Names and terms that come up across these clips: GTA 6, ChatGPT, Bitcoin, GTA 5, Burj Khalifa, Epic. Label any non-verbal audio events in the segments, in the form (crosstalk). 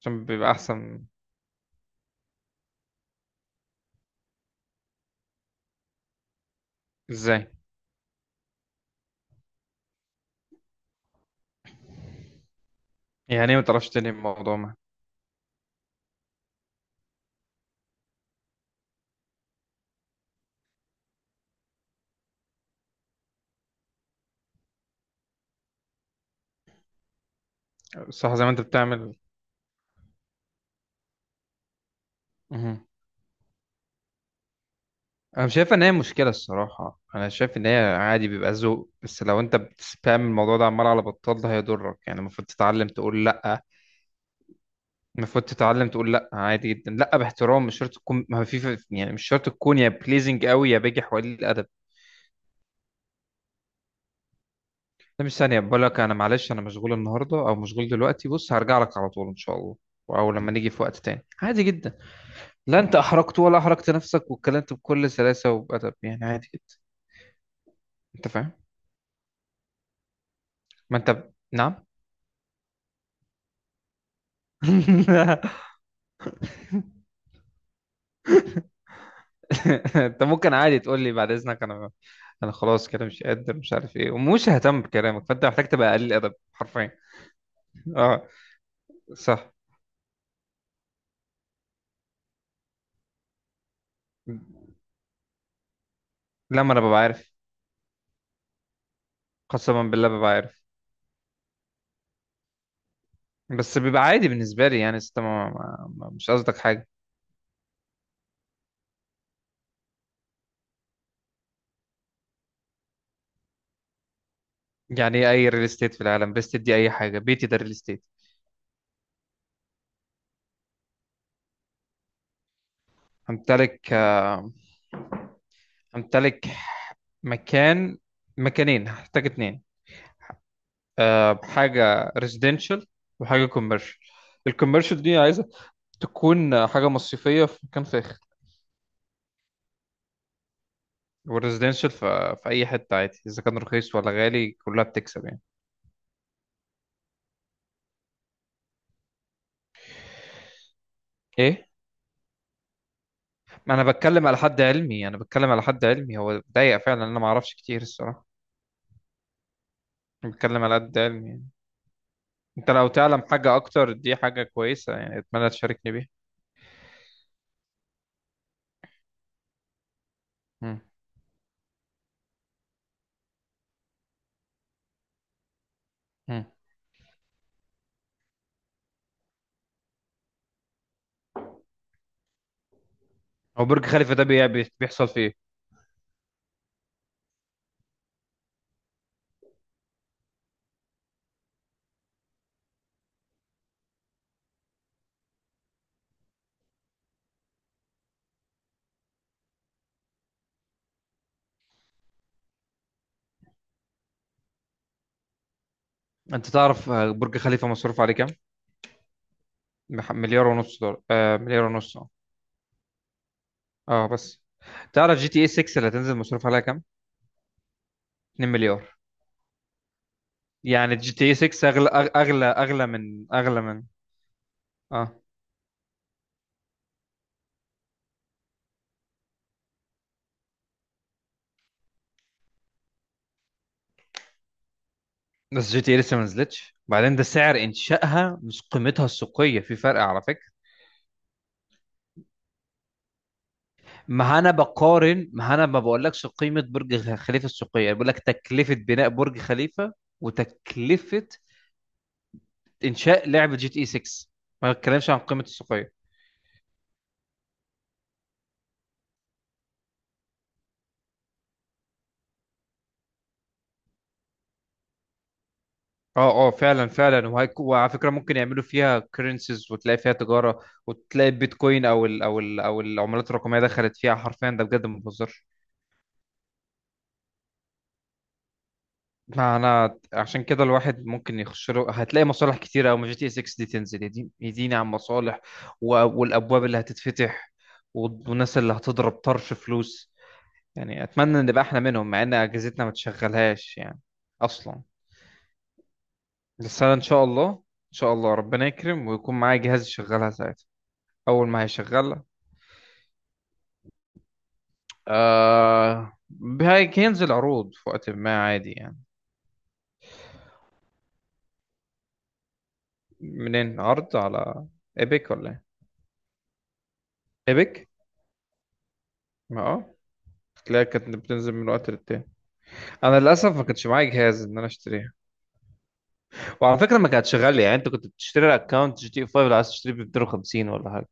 عشان بيبقى احسن ازاي؟ يعني ايه ما تعرفش تنهي الموضوع؟ ما صح زي ما انت بتعمل. مهم. انا مش شايف ان هي مشكله الصراحه، انا شايف ان هي عادي بيبقى ذوق، بس لو انت بتسبام الموضوع ده عمال على بطال ده هيضرك، يعني المفروض تتعلم تقول لا. المفروض تتعلم تقول لا عادي جدا، لا باحترام، مش شرط تكون ما في، يعني مش شرط تكون يا بليزنج قوي يا باجي حوالي الادب. ده مش ثانيه، بقول لك انا معلش انا مشغول النهارده او مشغول دلوقتي، بص هرجع لك على طول ان شاء الله، او لما نيجي في وقت تاني، عادي جدا. لا انت احرجت ولا احرجت نفسك، واتكلمت بكل سلاسة وبأدب يعني، عادي جدا. انت فاهم؟ ما انت نعم. (laughs) انت ممكن عادي تقول لي بعد اذنك، انا خلاص كده مش قادر، مش عارف ايه، ومش ههتم بكلامك، فانت محتاج تبقى قليل ادب حرفيا. اه، صح. لما انا ببقى عارف، قسما بالله ببقى عارف. بس بيبقى عادي بالنسبه لي، يعني مش قصدك حاجه. يعني ايه اي ريل استيت في العالم؟ ريل استيت دي اي حاجه، بيتي ده ريل استيت. همتلك امتلك مكان، مكانين، هحتاج اتنين. أه، حاجة ريزيدنشال وحاجة كوميرشال. الكوميرشال دي عايزة تكون حاجة مصيفية في مكان فاخر. والريزيدنشال في أي حتة عادي، إذا كان رخيص ولا غالي كلها بتكسب يعني. إيه؟ ما أنا بتكلم على حد علمي أنا بتكلم على حد علمي، هو ضيق فعلا، أنا ما أعرفش كتير الصراحة. أنا بتكلم على قد علمي يعني. أنت لو تعلم حاجة أكتر دي حاجة كويسة، يعني أتمنى تشاركني بيها. مم. مم. هو برج خليفة ده بيحصل فيه إيه؟ انت تعرف آه، برج خليفة مصروف عليه كام؟ مليار ونص دولار. آه مليار ونص. اه، اه بس. تعرف جي تي اي 6 اللي هتنزل مصروف عليها كام؟ 2 مليار. يعني جي تي اي 6 اغلى، اغلى من. اه. بس جي تي اي لسه ما نزلتش، بعدين ده سعر انشائها مش قيمتها السوقية، في فرق على فكرة. ما انا بقارن، ما انا ما بقولكش قيمة برج خليفة السوقية، بقول لك تكلفة بناء برج خليفة وتكلفة انشاء لعبة جي تي اي 6. ما بتكلمش عن قيمة السوقية. اه اه، فعلا فعلا. وهيك وعلى فكره ممكن يعملوا فيها كرنسيز، وتلاقي فيها تجاره، وتلاقي البيتكوين او ال او العملات الرقميه دخلت فيها حرفيا. ده بجد، ما بهزرش. ما انا عشان كده الواحد ممكن يخش له، هتلاقي مصالح كتيره قوي ما جي تي اس 6 دي تنزل، يديني عن مصالح والابواب اللي هتتفتح، والناس اللي هتضرب طرش فلوس. يعني اتمنى ان نبقى احنا منهم، مع ان اجهزتنا ما تشغلهاش يعني اصلا. بس انا ان شاء الله ان شاء الله ربنا يكرم ويكون معايا جهاز يشغلها ساعتها، اول ما هيشغلها. آه. هينزل عروض في وقت ما عادي يعني. منين؟ عرض على ايبك ولا ايه؟ ايبك. ما اه، تلاقي كانت بتنزل من وقت للتاني، انا للاسف ما كانش معايا جهاز ان انا اشتريها. وعلى فكره ما كانتش غاليه يعني، انت كنت بتشتري اكونت جي تي 5 لو عايز تشتريه ب 250 ولا حاجه.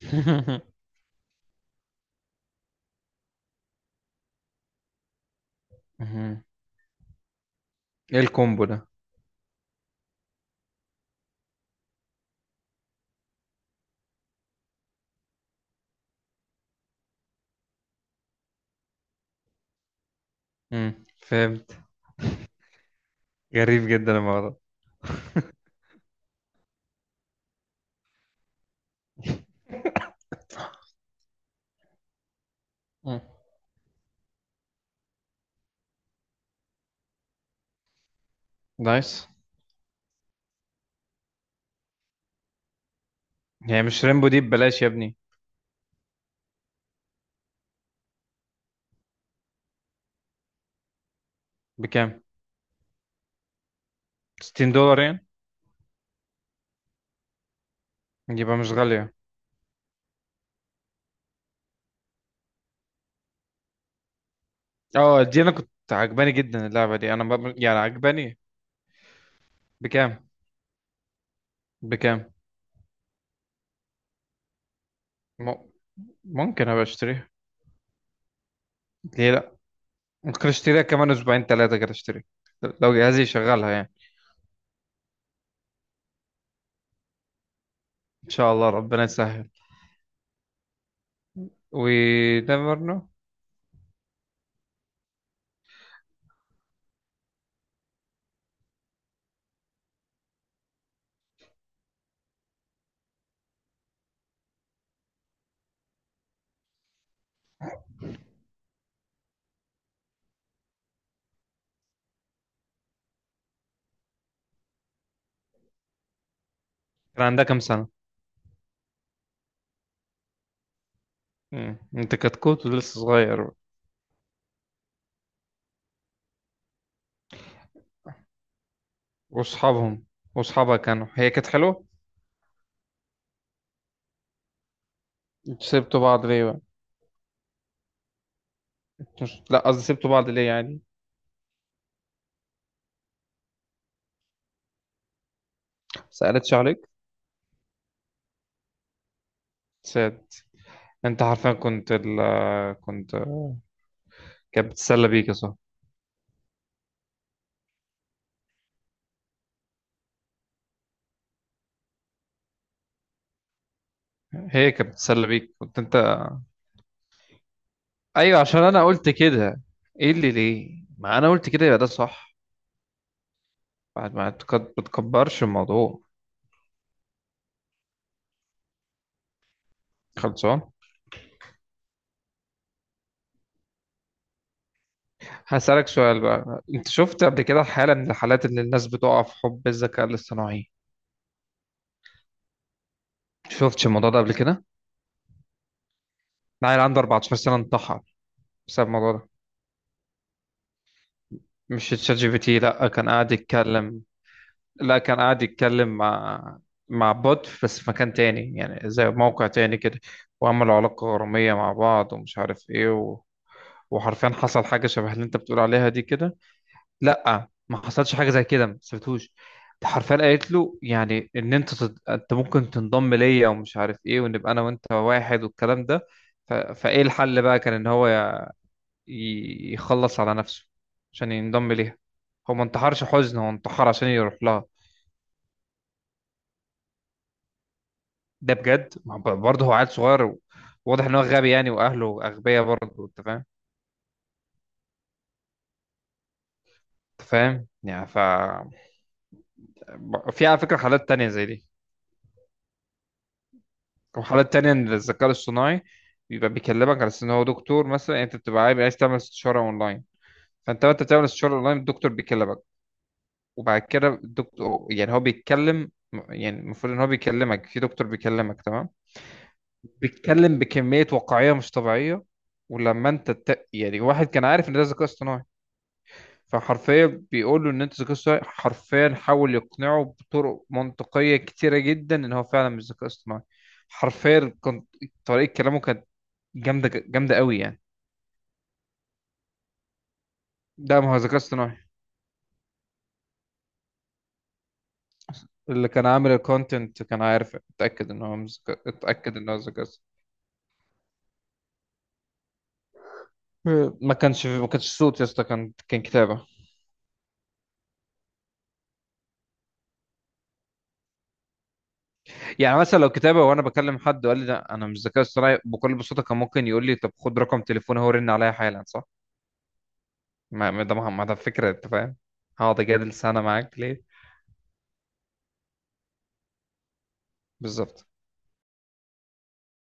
(laughs) مهم. ايه الكومبو ده؟ مم. فهمت. غريب جدا الموضوع ده. مم. (laughs) نايس. يعني مش ريمبو دي ببلاش يا ابني؟ بكام؟ $60 يعني؟ يبقى مش غالية. اه دي انا كنت عجباني جدا اللعبه دي، يعني عجباني. بكام؟ بكام؟ م... ممكن ابقى اشتريها. ليه لا؟ ممكن اشتريها كمان اسبوعين ثلاثه كده اشتري، لو جهازي يشغلها يعني. ان شاء الله ربنا يسهل. و never know. كان عندها كام سنه؟ مم. انت كتكوت ولسه صغير. واصحابهم واصحابها كانوا، هي كانت حلوه. انتوا سبتوا بعض ليه بقى؟ مش... لا قصدي سبتوا بعض ليه يعني؟ سألتش عليك؟ ساد. انت حرفيا كنت كانت بتتسلى بيك يا صاحبي. هي كانت بتتسلى بيك، كنت انت. ايوه عشان انا قلت كده. ايه اللي ليه؟ ما انا قلت كده يبقى ده صح. بعد ما تك- بتكبرش الموضوع، خلصان. هسألك سؤال بقى، انت شفت قبل كده حالة من الحالات اللي الناس بتقع في حب الذكاء الاصطناعي؟ شفتش الموضوع ده قبل كده؟ عيل عنده 14 سنة انتحر بسبب الموضوع ده. مش تشات جي بي تي، لا كان قاعد يتكلم. لا كان قاعد يتكلم مع، مع بوت بس في مكان تاني، يعني زي موقع تاني كده. وعملوا علاقة غرامية مع بعض ومش عارف ايه، وحرفيا حصل حاجة شبه اللي انت بتقول عليها دي كده. لا ما حصلش حاجة زي كده، ما سبتهوش. حرفيا قالت له يعني ان انت انت ممكن تنضم ليا ومش عارف ايه، ونبقى انا وانت واحد والكلام ده. فايه الحل بقى كان ان هو يخلص على نفسه عشان ينضم ليها. هو ما انتحرش حزن، هو انتحر عشان يروح لها. ده بجد، ما هو برضه هو عيل صغير، واضح ان هو غبي يعني، واهله اغبياء برضه، انت فاهم. انت فاهم يعني. ف في على فكره حالات تانية زي دي، وحالات تانية ان الذكاء الاصطناعي بيبقى بيكلمك على أساس ان هو دكتور مثلا، يعني انت بتبقى عايز تعمل استشاره اونلاين. فانت وانت بتعمل استشاره اونلاين الدكتور بيكلمك، وبعد كده الدكتور يعني هو بيتكلم، يعني المفروض ان هو بيكلمك في دكتور بيكلمك تمام. بيتكلم بكميه واقعيه مش طبيعيه. ولما انت يعني واحد كان عارف ان ده ذكاء اصطناعي، فحرفيا بيقول له ان انت ذكاء اصطناعي، حرفيا حاول يقنعه بطرق منطقيه كتيره جدا ان هو فعلا مش ذكاء اصطناعي. حرفيا كان طريقه كلامه كانت جامده، جامده قوي يعني. ده ما هو ذكاء اصطناعي. اللي كان عامل الكونتنت كان عارف، اتاكد ان هو مش ذكاء اتاكد ان هو ذكاء اصطناعي. ما كانش صوت يا اسطى، كان كان كتابه. يعني مثلا لو كتابه وانا بكلم حد وقال لي لا انا مش ذكاء اصطناعي، بكل بساطه كان ممكن يقول لي طب خد رقم تليفوني، هو رن عليا حالا صح؟ ما ما ده ما ما ده فكرة انت فاهم، هقعد اجادل سنة معاك ليه؟ بالظبط.